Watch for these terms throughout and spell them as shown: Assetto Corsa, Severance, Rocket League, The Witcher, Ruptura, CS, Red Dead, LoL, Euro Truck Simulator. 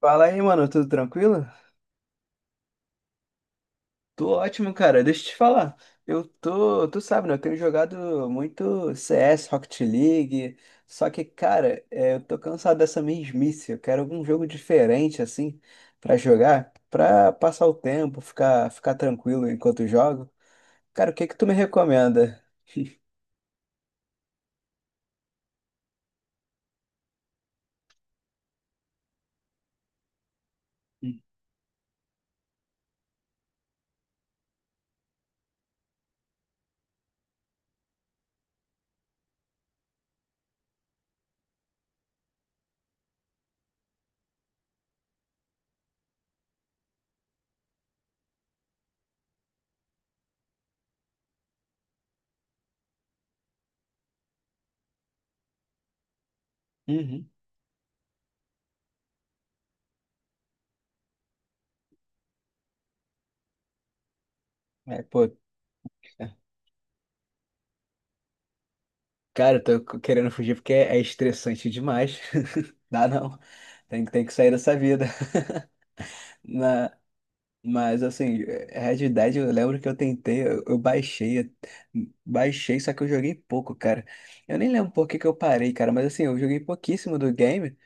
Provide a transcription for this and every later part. Fala aí, mano, tudo tranquilo? Tô ótimo, cara. Deixa eu te falar. Tu sabe, né? Eu tenho jogado muito CS, Rocket League. Só que, cara, eu tô cansado dessa mesmice. Eu quero algum jogo diferente, assim, pra jogar, pra passar o tempo, ficar tranquilo enquanto jogo. Cara, o que que tu me recomenda? Uhum. É, pô, cara, eu tô querendo fugir porque é estressante demais. Dá não. Tem que sair dessa vida. Na- Mas assim, Red Dead, eu lembro que eu tentei, eu baixei, só que eu joguei pouco, cara. Eu nem lembro por que que eu parei, cara, mas assim, eu joguei pouquíssimo do game.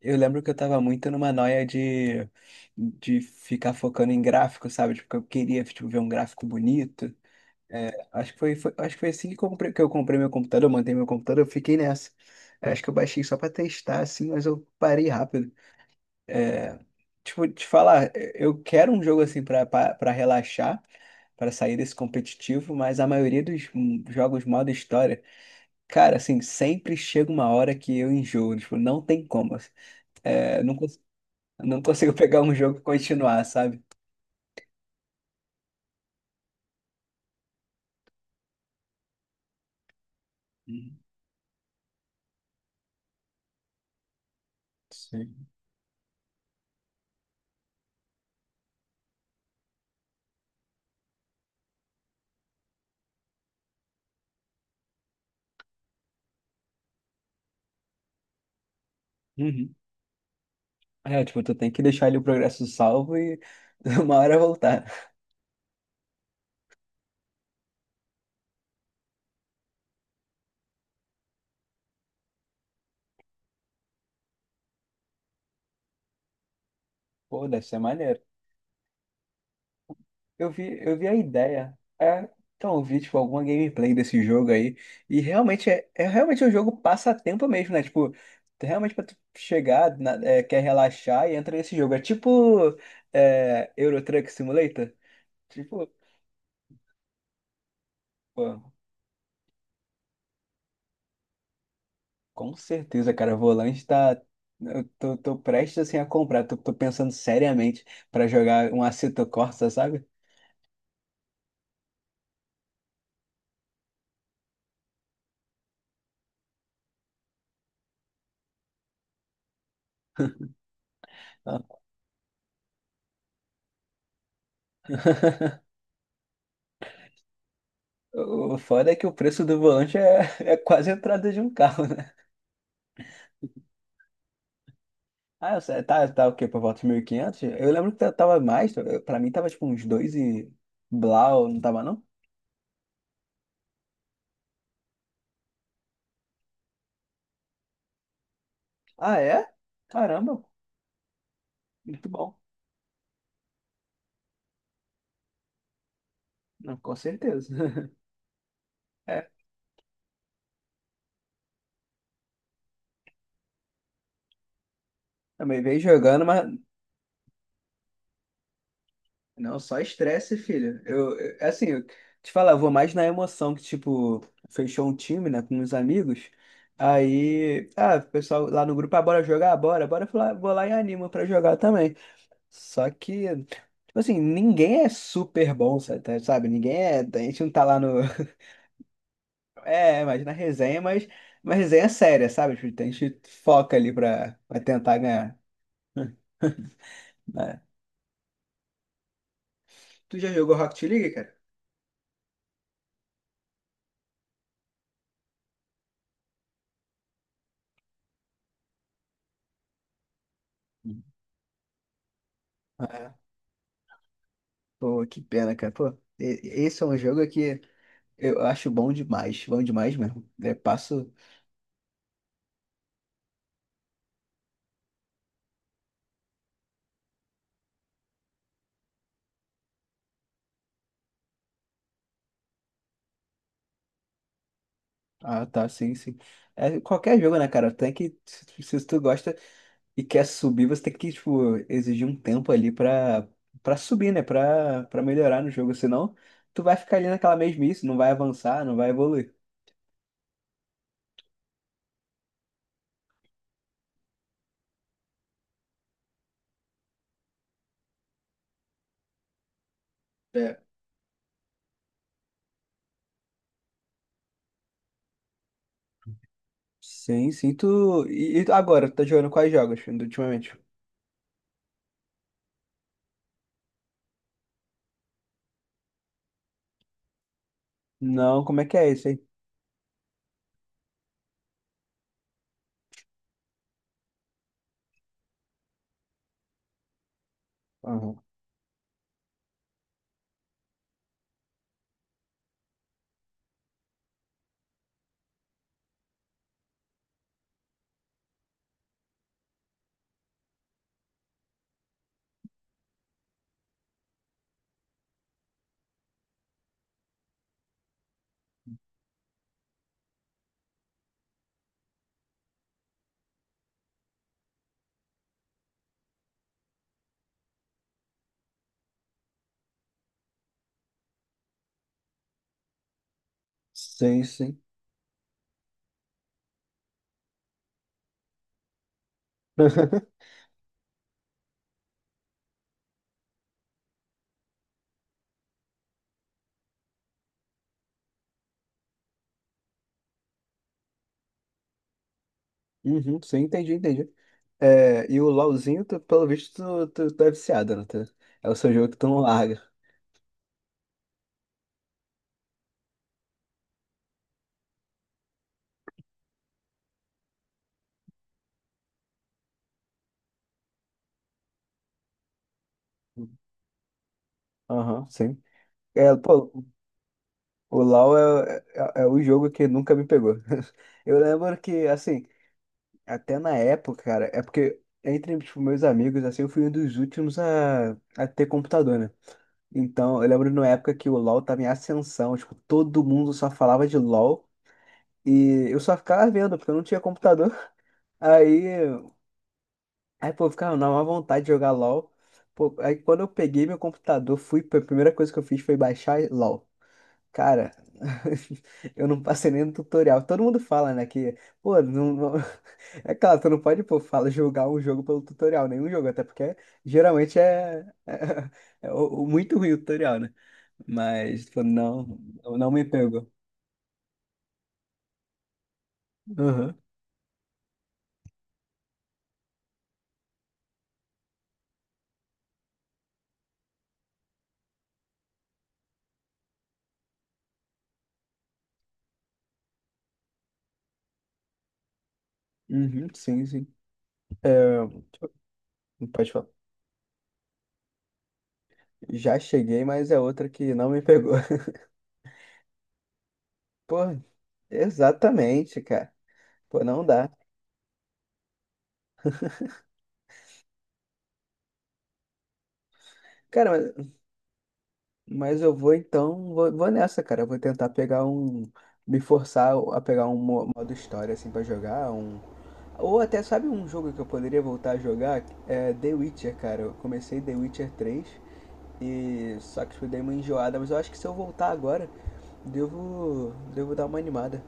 Eu lembro que eu tava muito numa noia de ficar focando em gráfico, sabe? Tipo, que eu queria, tipo, ver um gráfico bonito. Acho que foi assim que eu comprei meu computador, eu montei meu computador, eu fiquei nessa. Acho que eu baixei só pra testar, assim, mas eu parei rápido. É, tipo, te falar, eu quero um jogo assim pra relaxar, pra sair desse competitivo, mas a maioria dos jogos modo história, cara, assim, sempre chega uma hora que eu enjoo, tipo, não tem como. Assim. É, não, cons- não consigo pegar um jogo e continuar, sabe? Uhum. Sim. Uhum. É, tipo, tu tem que deixar ali o progresso salvo e uma hora voltar. Pô, deve ser maneiro. Eu vi a ideia. É, então, eu vi, tipo, alguma gameplay desse jogo aí. E realmente é realmente é um jogo passatempo mesmo, né? Tipo, realmente pra tu chegar, na- é, quer relaxar e entra nesse jogo. É tipo é, Euro Truck Simulator. Tipo, pô, com certeza, cara. O volante tá. Tô prestes assim a comprar. Tô pensando seriamente pra jogar um Assetto Corsa, sabe? O foda é que o preço do volante é quase a entrada de um carro, né? Ah, eu sei, tá o quê? Por volta de 1.500. Eu lembro que tava mais, eu- pra mim tava tipo uns dois e blau, não tava não? Ah, é? Caramba, muito bom. Não, com certeza. É, também veio jogando, mas não, só estresse, filho. É assim, eu te falar, eu vou mais na emoção que, tipo, fechou um time, né, com uns amigos. Aí, ah, o pessoal lá no grupo, ah, bora jogar? Bora, vou lá e animo pra jogar também. Só que, tipo assim, ninguém é super bom, sabe? Ninguém é. A gente não tá lá no. É, imagina a resenha, mas uma resenha séria, sabe? Tipo, a gente foca ali pra tentar ganhar. Né? Tu já jogou Rocket League, cara? Ah, pô, que pena, cara. Pô, e- esse é um jogo que eu acho bom demais mesmo. Eu passo. Ah, tá, sim, sim. É, qualquer jogo, né, cara? Tem que. Se tu gosta. E quer subir, você tem que, tipo, exigir um tempo ali pra subir, né? Pra melhorar no jogo. Senão, tu vai ficar ali naquela mesmice, não vai avançar, não vai evoluir. É. Sim, sim. Tu... agora, tu tá jogando quais jogos ultimamente? Não, como é que é esse aí? Aham. Sim, sim. Uhum, sim, entendi, entendi. É, e o LoLzinho, tu- pelo visto, tu é viciado, né? Tu- é o seu jogo que tu não larga. Aham, sim. É, pô, o LoL é o jogo que nunca me pegou. Eu lembro que, assim, até na época, cara, é porque entre, tipo, meus amigos, assim, eu fui um dos últimos a ter computador, né? Então, eu lembro na época que o LoL tava em ascensão, tipo, todo mundo só falava de LoL e eu só ficava vendo, porque eu não tinha computador. Aí ficava na má vontade de jogar LOL. Pô, aí quando eu peguei meu computador, fui, a primeira coisa que eu fiz foi baixar LOL. Cara, eu não passei nem no tutorial. Todo mundo fala, né, que, pô, é claro, tu não pode, pô, fala, jogar um jogo pelo tutorial, nenhum jogo, até porque geralmente é, é o muito ruim o tutorial, né? Mas, pô, não, não me pegou. Aham. Uhum, sim, sim. É, pode falar. Já cheguei, mas é outra que não me pegou. Pô, exatamente, cara. Pô, não dá. Cara, mas eu vou então, vou nessa, cara. Eu vou tentar pegar um, me forçar a pegar um modo história assim pra jogar, um ou até sabe um jogo que eu poderia voltar a jogar? É The Witcher, cara. Eu comecei The Witcher 3 e só que eu dei uma enjoada, mas eu acho que se eu voltar agora, devo dar uma animada.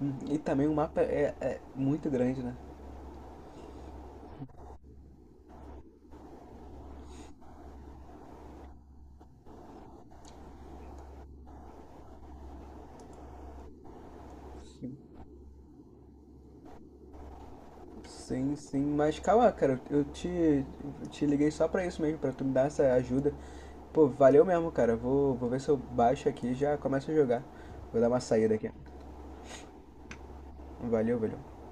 E também o mapa é muito grande, né? Sim, sim, mas calma, cara, eu te liguei só pra isso mesmo, pra tu me dar essa ajuda. Pô, valeu mesmo, cara. Vou ver se eu baixo aqui e já começo a jogar. Vou dar uma saída aqui. Valeu, valeu.